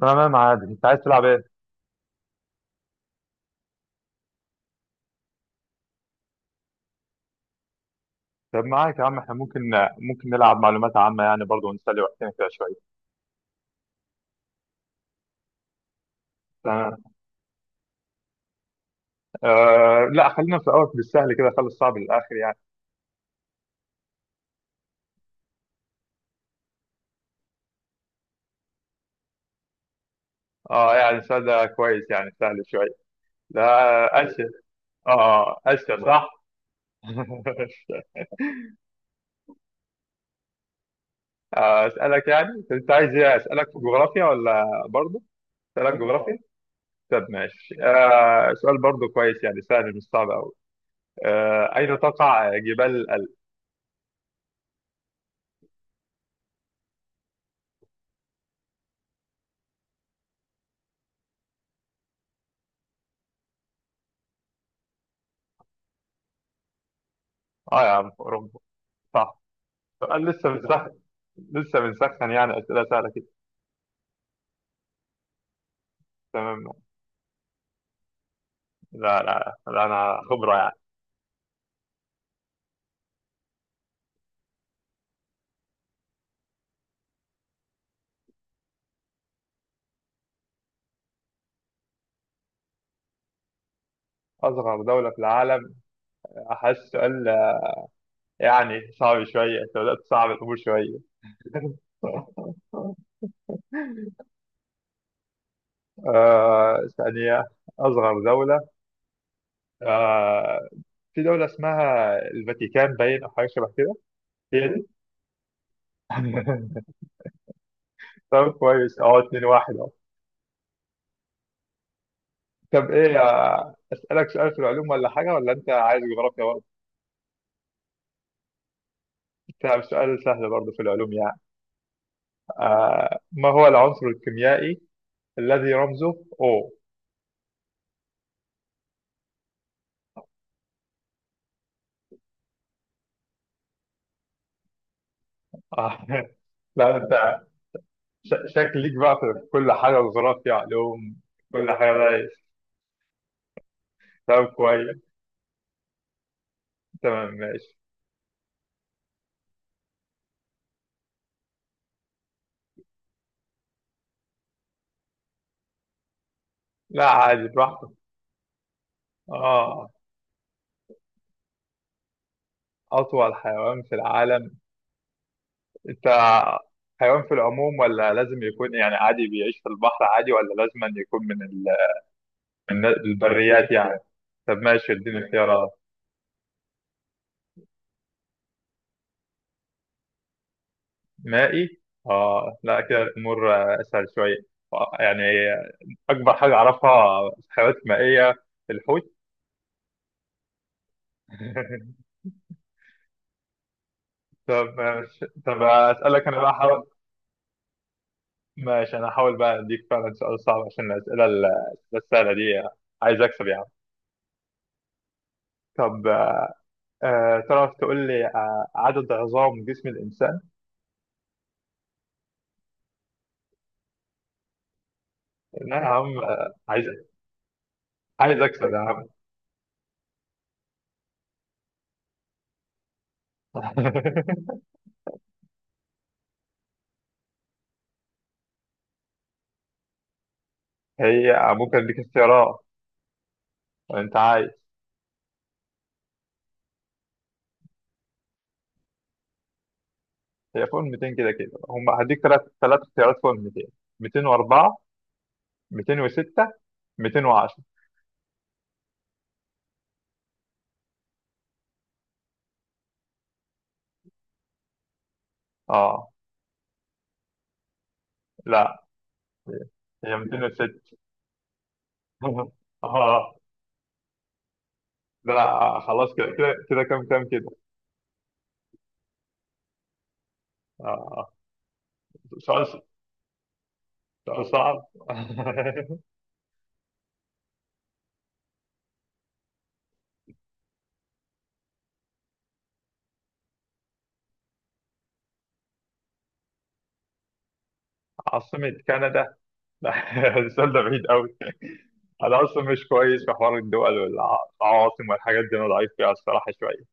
تمام عادي انت عايز تلعب ايه؟ طب معاك يا عم احنا ممكن نلعب معلومات عامة يعني برضه ونسلي وقتنا كده شوية. تمام. لا خلينا في الأول بالسهل كده خلي الصعب للآخر يعني. اه يعني السؤال ده كويس يعني سهل شوية. لا أسئلة. اه أسئلة صح؟ أسألك يعني، طب انت عايز ايه أسألك في جغرافيا ولا برضه؟ أسألك جغرافيا؟ طب ماشي، سؤال برضه كويس يعني، سهل مش صعب أوي. أين تقع جبال الألب؟ اه يا عم أوروبا، صح. سؤال لسه بنسخن، يعني أسئلة سهلة كده. تمام. لا لا لا، أنا خبرة يعني. أصغر دولة في العالم. أحس سؤال يعني صعب شوية، أنت بدأت تصعب الأمور شوية. ثانية. أصغر دولة. آه في دولة اسمها الفاتيكان باين أو حاجة شبه كده. هي دي. طب كويس، 2 واحد أهو. طب إيه، أسألك سؤال في العلوم ولا حاجة ولا أنت عايز جغرافيا برضه؟ طب سؤال سهل برضه في العلوم يعني. ما هو العنصر الكيميائي الذي رمزه O؟ آه لا انت شكلك بقى في كل حاجة، جغرافيا، علوم. كل حاجة دايس. طب كويس تمام ماشي. لا عادي براحتك. اه أطول حيوان في العالم. انت حيوان في العموم، ولا لازم يكون يعني عادي بيعيش في البحر عادي، ولا لازم أن يكون من البريات يعني؟ طب ماشي اديني اختيارات. مائي. اه لا كده الأمور أسهل شوية. يعني اكبر حاجه اعرفها في الحيوانات المائيه، الحوت. طب ماشي. طب اسالك انا بقى، حاول. ماشي انا هحاول بقى اديك فعلا سؤال صعب عشان الاسئله السهله دي. عايز اكسب يعني. طب تعرف تقول لي عدد عظام جسم الانسان؟ لا يا عم، عايز اكسب يا عم. هي ممكن اديك اختيارات؟ انت عايز. هي فوق ال 200 كده كده، هديك ثلاث اختيارات فوق ال 200: 204، 206، 210. اه لا، هي 206. اه ده انا خلاص كده كده كده، كام كده. آه. سؤال سؤال صعب. عاصمة كندا. لا، السؤال ده بعيد قوي. انا اصلا مش كويس في حوار الدول والعواصم والحاجات دي، انا ضعيف فيها الصراحه شويه.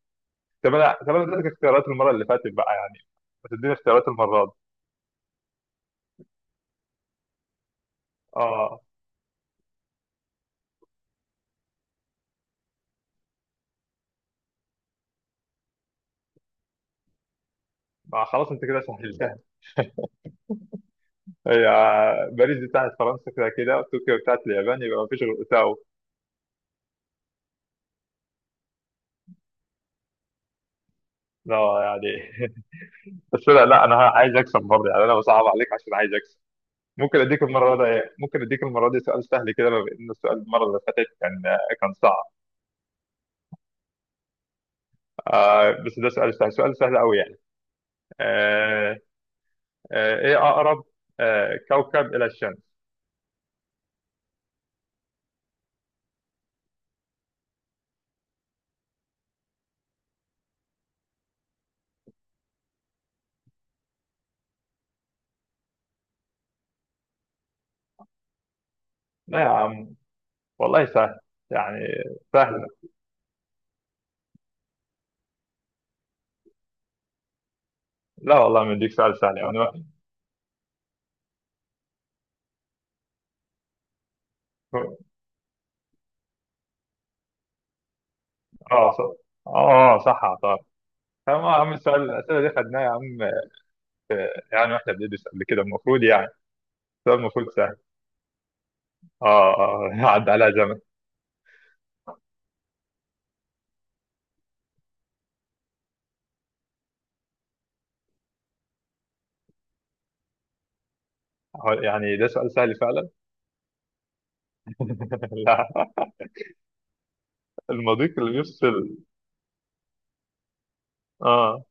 طب انا اديتك اختيارات المره اللي فاتت بقى يعني. ما تديني اختيارات المره دي. اه ما خلاص انت كده سهلتها. هي باريس دي بتاعت فرنسا كده كده، وطوكيو بتاعت اليابان، يبقى ما فيش غير اوتاوا. لا يعني، بس لا لا انا عايز اكسب برضه يعني، انا بصعب عليك عشان عايز اكسب. ممكن اديك المره دي إيه؟ ممكن اديك المره دي سؤال سهل كده، بما ان السؤال المره اللي فاتت كان صعب. بس ده سؤال سهل، سؤال سهل قوي يعني. آه ايه اقرب كوكب الى الشمس؟ لا يا عم والله سهل يعني، سهل. لا والله ما اديك سؤال سهل يعني. اه صح. اه صح فما يا عم، الاسئله دي خدناها يا عم، يعني واحنا بندرس قبل كده المفروض يعني. السؤال المفروض سهل. اه اه عدى عليها زمن. هو يعني ده سؤال سهل فعلا. لا. المضيق اللي بيفصل. اه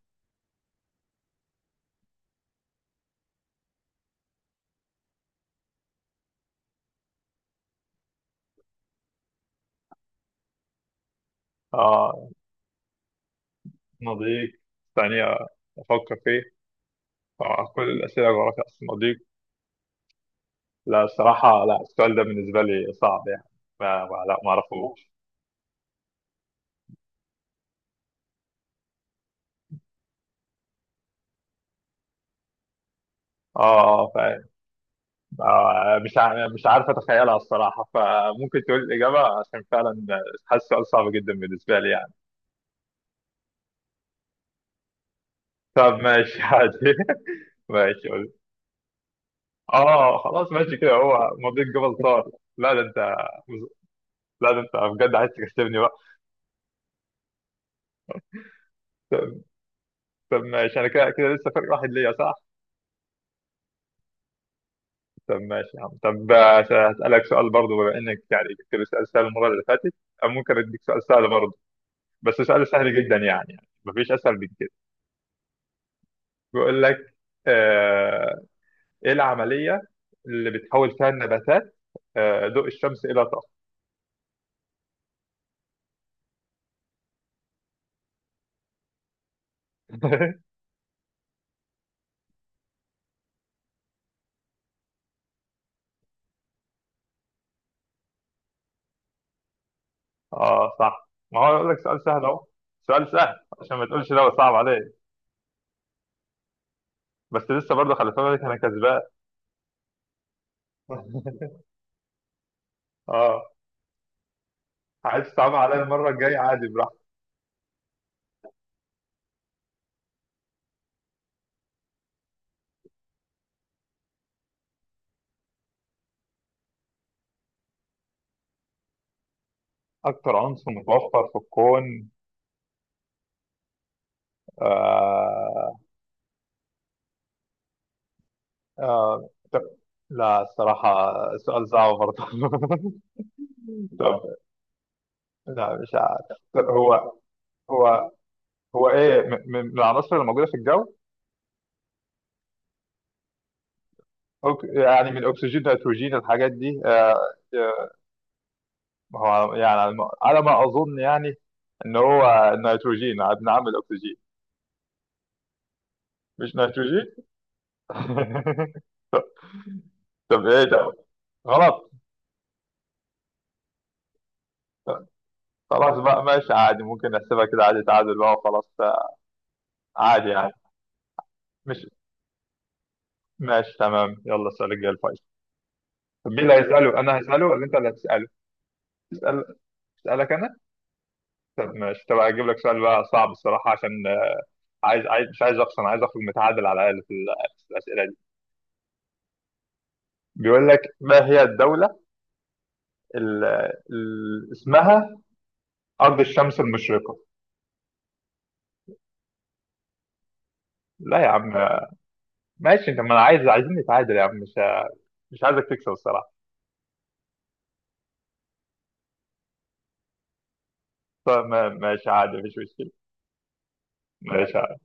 اه مضيق، ثانية أفكر فيه. كل الأسئلة جغرافيا، أصل المضيق. لا الصراحة، لا، السؤال ده بالنسبة لي صعب يعني. لا ما أعرفوش. اه فاهم. مش عارف أتخيلها الصراحة، فممكن تقول الإجابة عشان فعلا حاسس السؤال صعب جدا بالنسبة لي يعني. طب ماشي عادي. ماشي قول. اه خلاص ماشي كده، هو مضيق جبل طارق. لا ده أنت. لا ده انت بجد عايز تكسبني بقى. طب طب ماشي، انا كده كده لسه فرق واحد ليا صح؟ طب ماشي يا عم، طب هسألك سؤال برضه بما انك يعني جبت لي سؤال سهل المرة اللي فاتت. أو ممكن اديك سؤال سهل برضه، بس سؤال سهل جدا يعني، مفيش اسهل من كده. بيقول لك آه ايه العملية اللي بتحول فيها النباتات ضوء الشمس الى طاقة؟ اه صح، ما هو اقول لك سؤال سهل اهو. سؤال سهل عشان ما تقولش لا هو صعب عليك. بس لسه برضه خلي بالك، انا كسبان. اه عايز تتعامل عليا المرة الجاية عادي، براحتك. أكتر عنصر متوفر في الكون. آه طب. لا الصراحة سؤال صعب برضه. طب، لا مش عارف. طب هو هو إيه، من العناصر اللي موجودة في الجو. يعني من الأكسجين، الهيدروجين، الحاجات دي. آه، هو يعني على ما أظن يعني، إن هو النيتروجين. بنعمل أكسجين. مش نيتروجين. طب إيه ده، غلط. خلاص بقى ماشي عادي، ممكن نحسبها كده عادي، تعادل بقى وخلاص. عادي يعني. مش ماشي تمام. يلا السؤال الجاي الفايز. طب مين اللي هيسأله، أنا هسأله ولا أنت اللي هتسأله؟ اسأل اسألك أنا؟ طب ماشي، طب هجيب لك سؤال بقى صعب الصراحة، عشان عايز، مش عايز أخسر، أنا عايز أخرج متعادل على الأقل في الأسئلة دي. بيقول لك ما هي الدولة اللي اسمها أرض الشمس المشرقة؟ لا يا عم. ماشي أنت، ما أنا عايزين نتعادل يا عم، مش عايزك تكسب الصراحة. طب ماشي عادي مفيش مشكلة. ماشي.